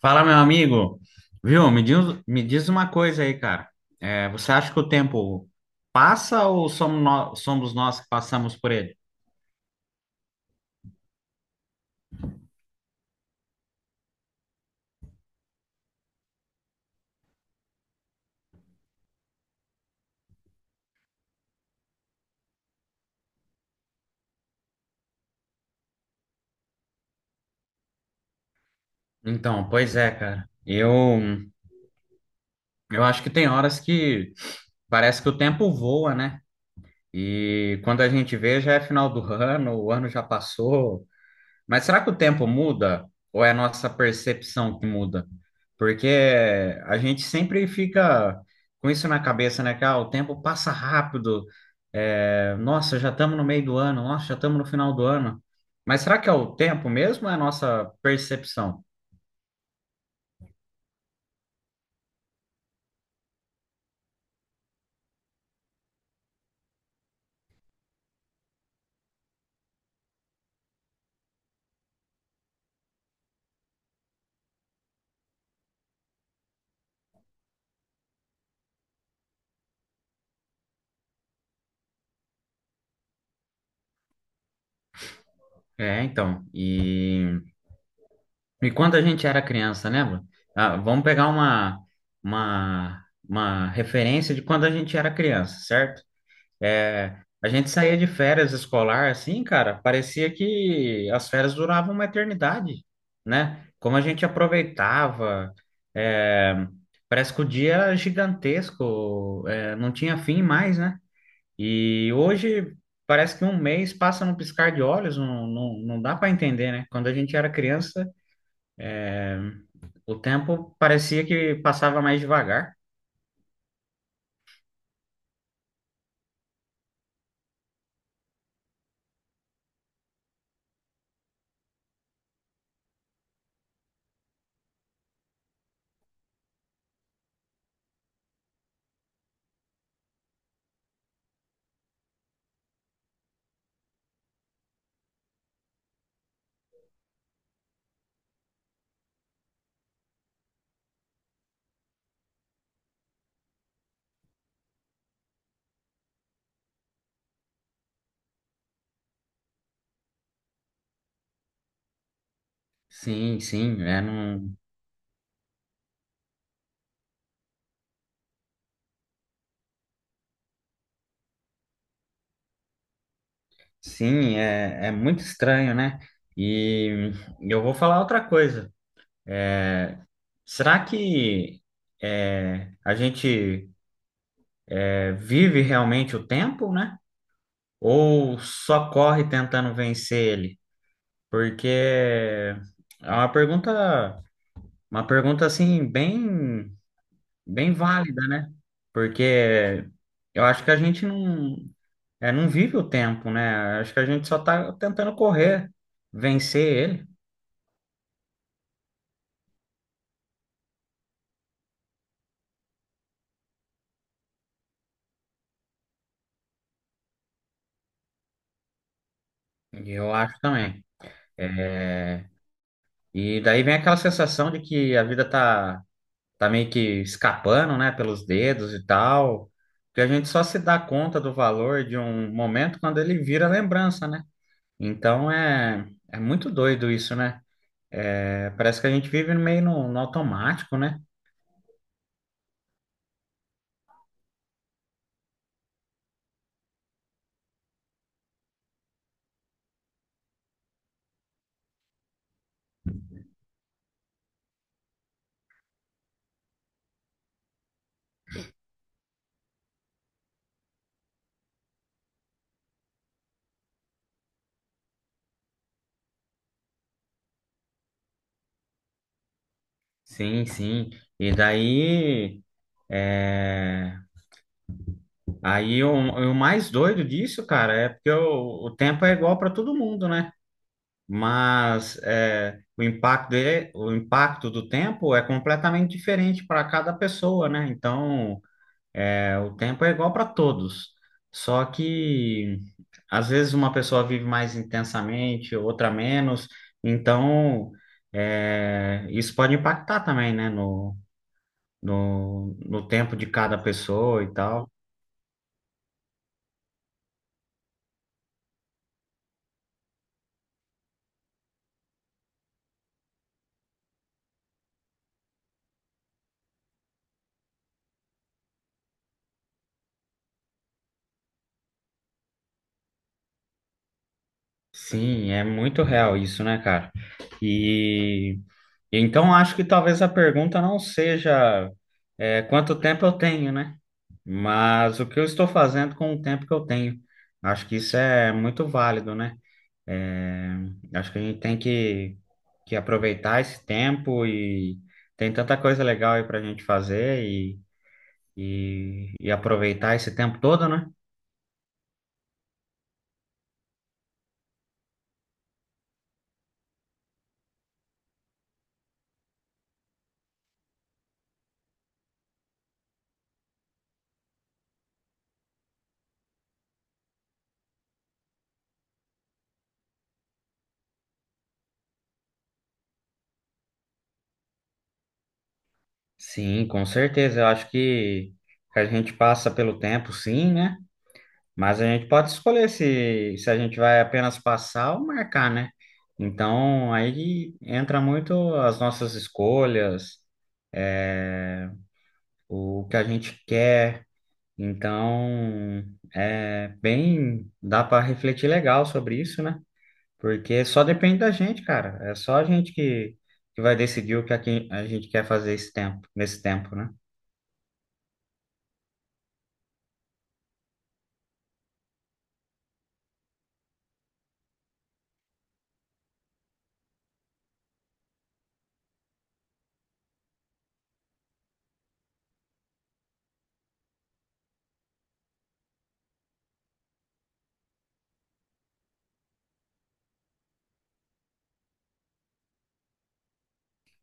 Fala, meu amigo. Viu? Me diz uma coisa aí, cara. Você acha que o tempo passa ou somos nós que passamos por ele? Então, pois é, cara. Eu acho que tem horas que parece que o tempo voa, né? E quando a gente vê, já é final do ano, o ano já passou. Mas será que o tempo muda ou é a nossa percepção que muda? Porque a gente sempre fica com isso na cabeça, né? Que ah, o tempo passa rápido. É, nossa, já estamos no meio do ano. Nossa, já estamos no final do ano. Mas será que é o tempo mesmo ou é a nossa percepção? É, então. E quando a gente era criança, lembra? Ah, vamos pegar uma referência de quando a gente era criança, certo? É, a gente saía de férias escolar assim, cara, parecia que as férias duravam uma eternidade, né? Como a gente aproveitava, é, parece que o dia era gigantesco, não tinha fim mais, né? E hoje parece que um mês passa num piscar de olhos, não dá para entender, né? Quando a gente era criança, o tempo parecia que passava mais devagar. Sim, sim, é, não. Sim, é, é muito estranho, né? E eu vou falar outra coisa. Será que a gente vive realmente o tempo, né? Ou só corre tentando vencer ele? Porque é uma pergunta assim bem, bem válida, né? Porque eu acho que a gente não, não vive o tempo, né? Acho que a gente só está tentando correr, vencer ele. E eu acho também. É, e daí vem aquela sensação de que tá meio que escapando, né, pelos dedos e tal, que a gente só se dá conta do valor de um momento quando ele vira lembrança, né? Então é, é muito doido isso, né? É, parece que a gente vive meio no, no automático, né? Sim, sim. E daí, é, aí o mais doido disso, cara, é porque o tempo é igual para todo mundo, né? Mas é, o impacto dele, o impacto do tempo é completamente diferente para cada pessoa, né? Então, o tempo é igual para todos, só que às vezes uma pessoa vive mais intensamente, outra menos, então isso pode impactar também, né? No, no tempo de cada pessoa e tal. Sim, é muito real isso, né, cara? E então acho que talvez a pergunta não seja quanto tempo eu tenho, né? Mas o que eu estou fazendo com o tempo que eu tenho. Acho que isso é muito válido, né? É, acho que a gente que aproveitar esse tempo e tem tanta coisa legal aí pra gente fazer e aproveitar esse tempo todo, né? Sim, com certeza. Eu acho que a gente passa pelo tempo, sim, né? Mas a gente pode escolher se a gente vai apenas passar ou marcar, né? Então, aí entra muito as nossas escolhas, é, o que a gente quer. Então, é bem, dá para refletir legal sobre isso, né? Porque só depende da gente, cara. É só a gente que vai decidir que a gente quer fazer esse tempo, nesse tempo, né?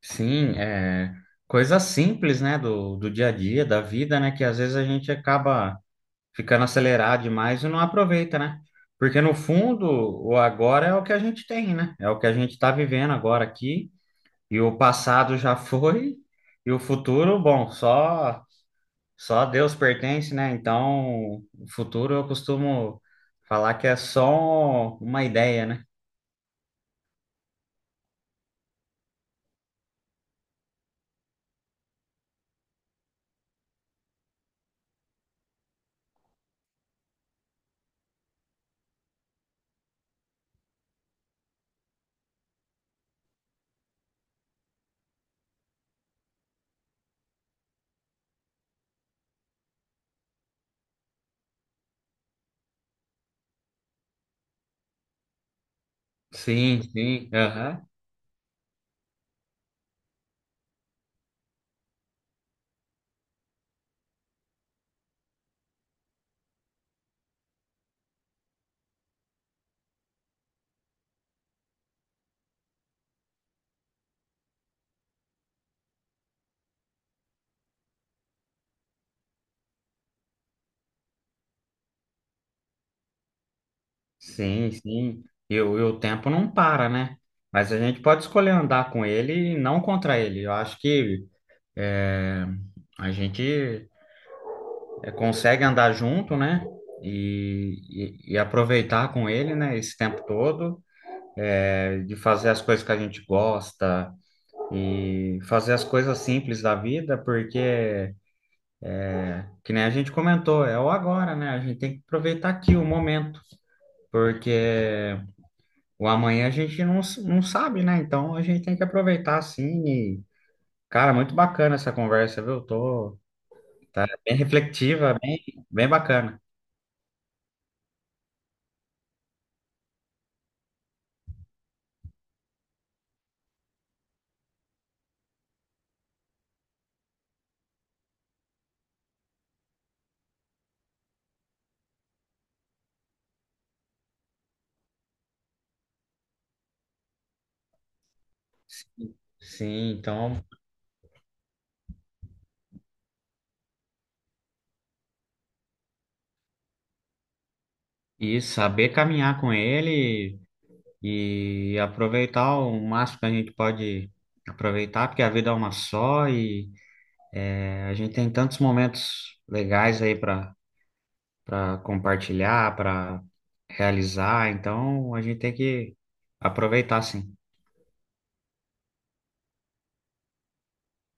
Sim, é coisa simples, né, do dia a dia, da vida, né, que às vezes a gente acaba ficando acelerado demais e não aproveita, né? Porque no fundo, o agora é o que a gente tem, né? É o que a gente está vivendo agora aqui, e o passado já foi, e o futuro, bom, só a Deus pertence, né? Então, o futuro eu costumo falar que é só uma ideia, né? Sim, sim, aham. Sim, sim. E o tempo não para, né? Mas a gente pode escolher andar com ele e não contra ele. Eu acho que é, a gente é, consegue andar junto, né? E aproveitar com ele, né? Esse tempo todo, é, de fazer as coisas que a gente gosta e fazer as coisas simples da vida, porque, que nem a gente comentou, é o agora, né? A gente tem que aproveitar aqui o momento, porque o amanhã a gente não, não sabe, né? Então a gente tem que aproveitar assim. E, cara, muito bacana essa conversa, viu? Tô, tá bem reflexiva, bem, bem bacana. Sim, então, e saber caminhar com ele e aproveitar o máximo que a gente pode aproveitar, porque a vida é uma só e é, a gente tem tantos momentos legais aí para para compartilhar, para realizar. Então a gente tem que aproveitar, sim.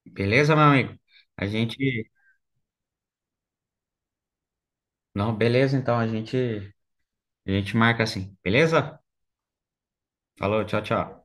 Beleza, meu amigo? A gente. Não, beleza, então a gente marca assim. Beleza? Falou, tchau, tchau.